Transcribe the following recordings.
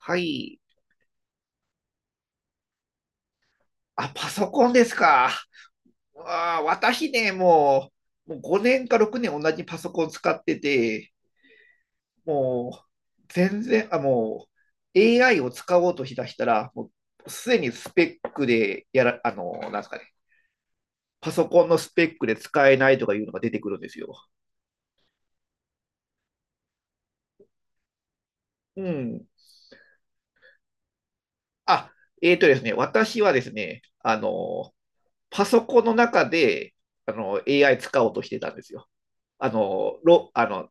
はい。パソコンですか。私ね、もう5年か6年同じパソコン使ってて、もう、全然、あ、もAI を使おうとしだしたら、もう、すでにスペックでやら、あの、なんですかね、パソコンのスペックで使えないとかいうのが出てくるんですよ。うん。あ、えーとですね、私はですね、パソコンの中で、AI 使おうとしてたんですよ。あの、ロあの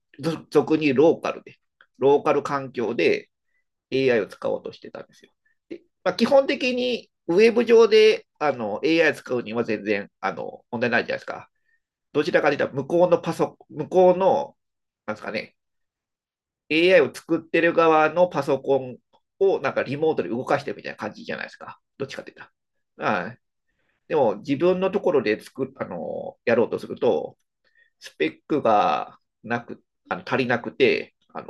俗にローカルで、ローカル環境で AI を使おうとしてたんですよ。で基本的にウェブ上でAI 使うには全然問題ないじゃないですか。どちらかというと、向こうの、なんですかね、AI を作ってる側のパソコンをなんかリモートで動かしてるみたいな感じじゃないですか。どっちかというと。はい。でも自分のところで作あのやろうとすると、スペックがなく、あの足りなくて、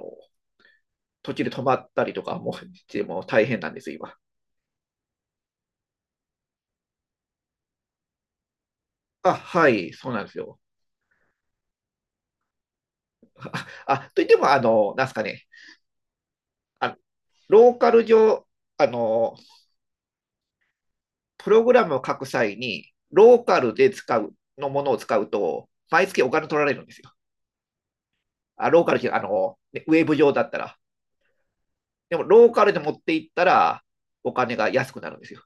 途中で止まったりとかもしても大変なんですよ、今。あ、はい、そうなんですよ。あ、といっても、あの、なんですかね、あローカル上、あの、プログラムを書く際に、ローカルで使うのものを使うと、毎月お金取られるんですよ。あ、ローカルじゃ、あの、ねウェブ上だったら。でも、ローカルで持っていったら、お金が安くなるんですよ。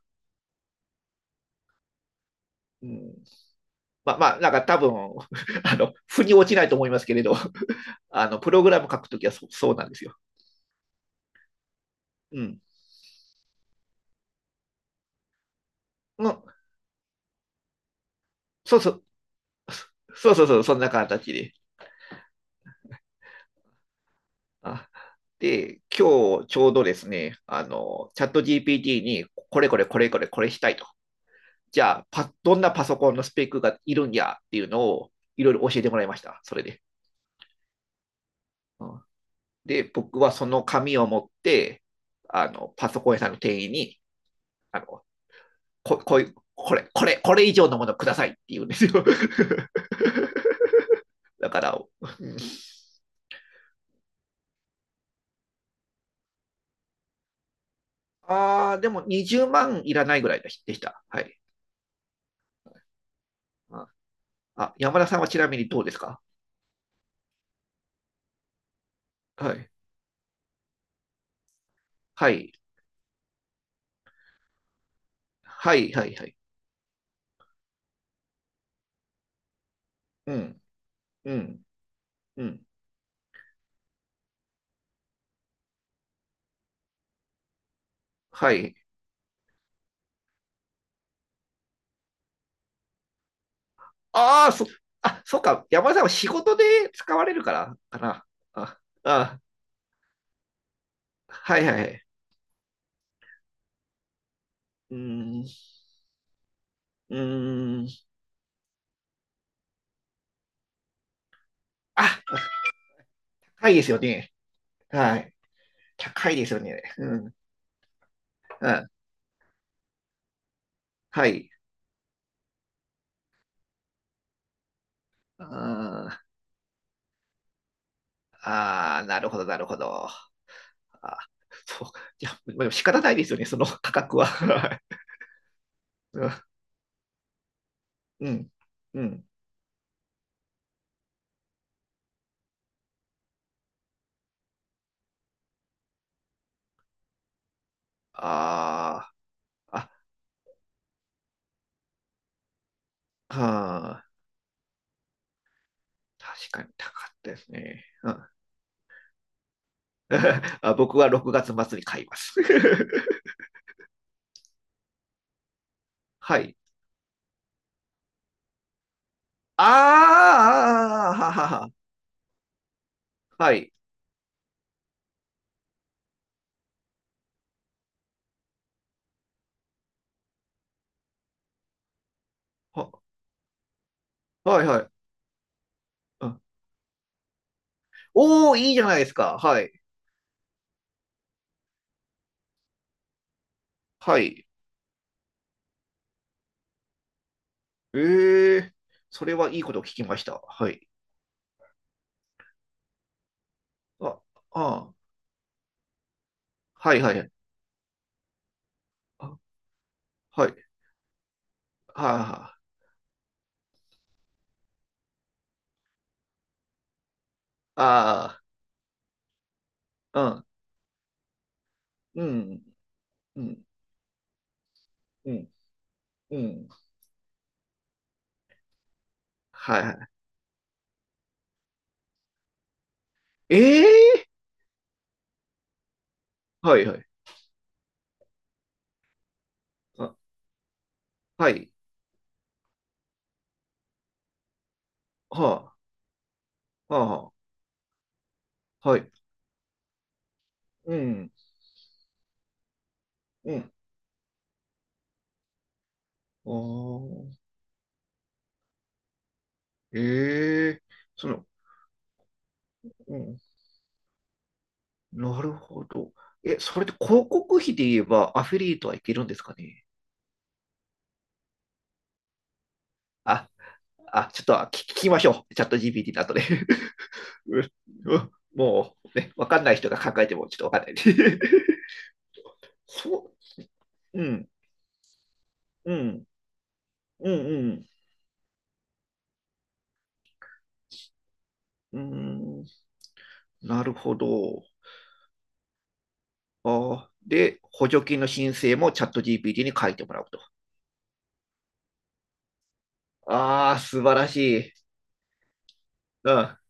うん。まあまあ、なんか多分、腑に落ちないと思いますけれど、プログラム書くときはそうなんですよ。うん。のそうそう、そうそう、そんな形で。あ今日ちょうどですね、チャット GPT に、これこれこれこれこれしたいと。じゃあどんなパソコンのスペックがいるんやっていうのをいろいろ教えてもらいました、それで。うん、で、僕はその紙を持って、パソコン屋さんの店員に、あの、ここういう、これ、これ、これ以上のものくださいって言うんですよ。だから、うんああ、でも20万いらないぐらいでした。はい。あ、山田さんはちなみにどうですか？はい。はい。はい、はい、はい。うん、うん、うん。はい。ああ、そ、そうか。山田さんは仕事で使われるから、かな。あ、あ、はい、はい、はい。うーん、うーん。あ、高いですよね。はい。高いですよね。うん、うん。はい。あーなるほど、なるほど。あそう。いや、までも仕方ないですよね、その価格は。うん。うん。ああ、あ、あー、確かに高かったですね。うん、僕は6月末に買います。はい。ああははは。はい。は、はいはい。うん、おー、いいじゃないですか。はい。はい。ええ、それはいいことを聞きました。はい。あ、あー、はいはい。あ、はい。はあ、ああ、うん。うん、うん、うん、うん。はいはい。ええ、はいはい。あ、はい。はあ、はあ、ははい。うん、うん。ああ、ええ、その、うん、なるほど。え、それって広告費で言えばアフィリエイトはいけるんですかね？あ、ちょっと聞き聞きましょう。チャット GPT の後で。うんうんもうね、わかんない人が考えてもちょっとわかんないんで。そう、うん、うん、うん、うん、うーん、なるほど。で、補助金の申請もチャット GPT に書いてもらうと。ああ、素晴らしい。うん。あ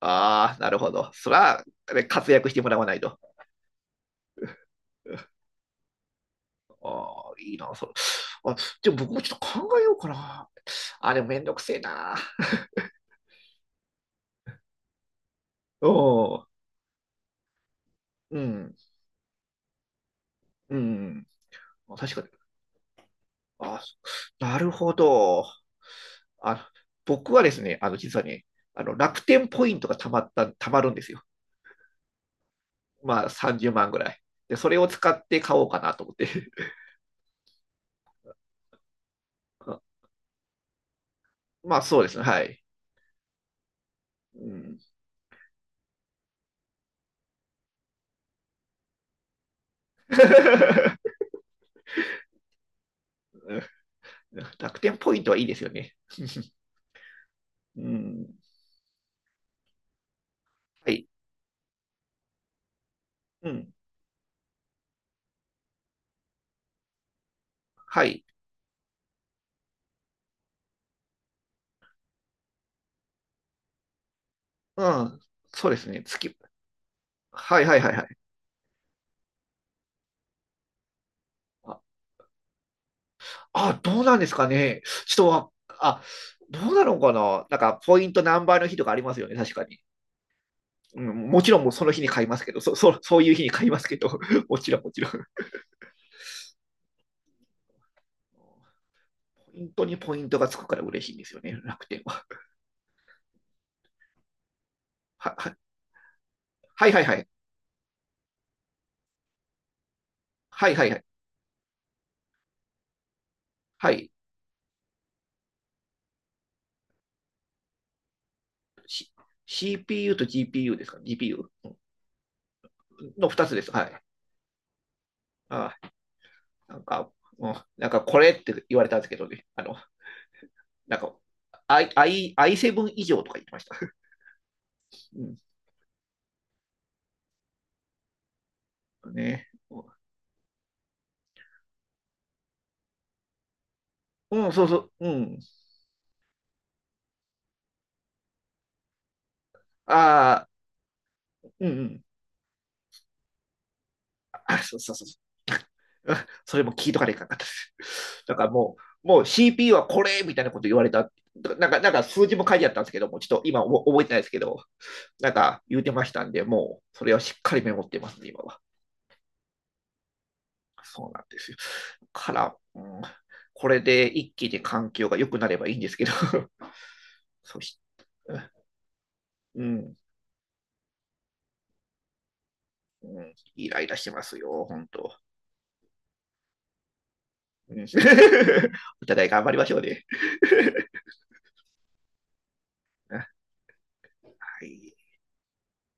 あ、なるほど。そら、ね、活躍してもらわないと。ああ、いいな、それ。あ、でも僕もちょっと考えようかな。あれ、でもめんどくせえな。おお、うん、うん。あ、確かに。あ、なるほど。あ、僕はですね、実はね、楽天ポイントがたまるんですよ。まあ30万ぐらい。で、それを使って買おうかなと思って。まあそうですね、はい。うん、楽天ポイントはいいですよね。うん、はい、うん、はい、うん、そうですね、月。はいはいはいはい。あ、どうなんですかね。人は、あ、どうなのかな。なんか、ポイント何倍の日とかありますよね、確かに。うん、もちろんもうその日に買いますけど、そういう日に買いますけど、もちろんもちろん。本当にポイントがつくから嬉しいんですよね、楽天は。は、はいはいはい。はいはいはい。はい。CPU と GPU ですか？ GPU の2つです。はい。あー、なんか、うん、なんかこれって言われたんですけどね。なんか、i7 以上とか言ってました。うん。ね。うん、そうそう。うん。ああ、うんうん。あ、そうそう。それも聞いとかれいかんかったです。だからもう CPU はこれみたいなこと言われた。なんか数字も書いてあったんですけども、ちょっと今覚えてないですけど、なんか言うてましたんで、もうそれはしっかりメモってますね、今は。そうなんですよ。から、うん、これで一気に環境が良くなればいいんですけど、そし、うん、うん、イライラしてますよ、本当。うん、お互い頑張りましょうね。はい。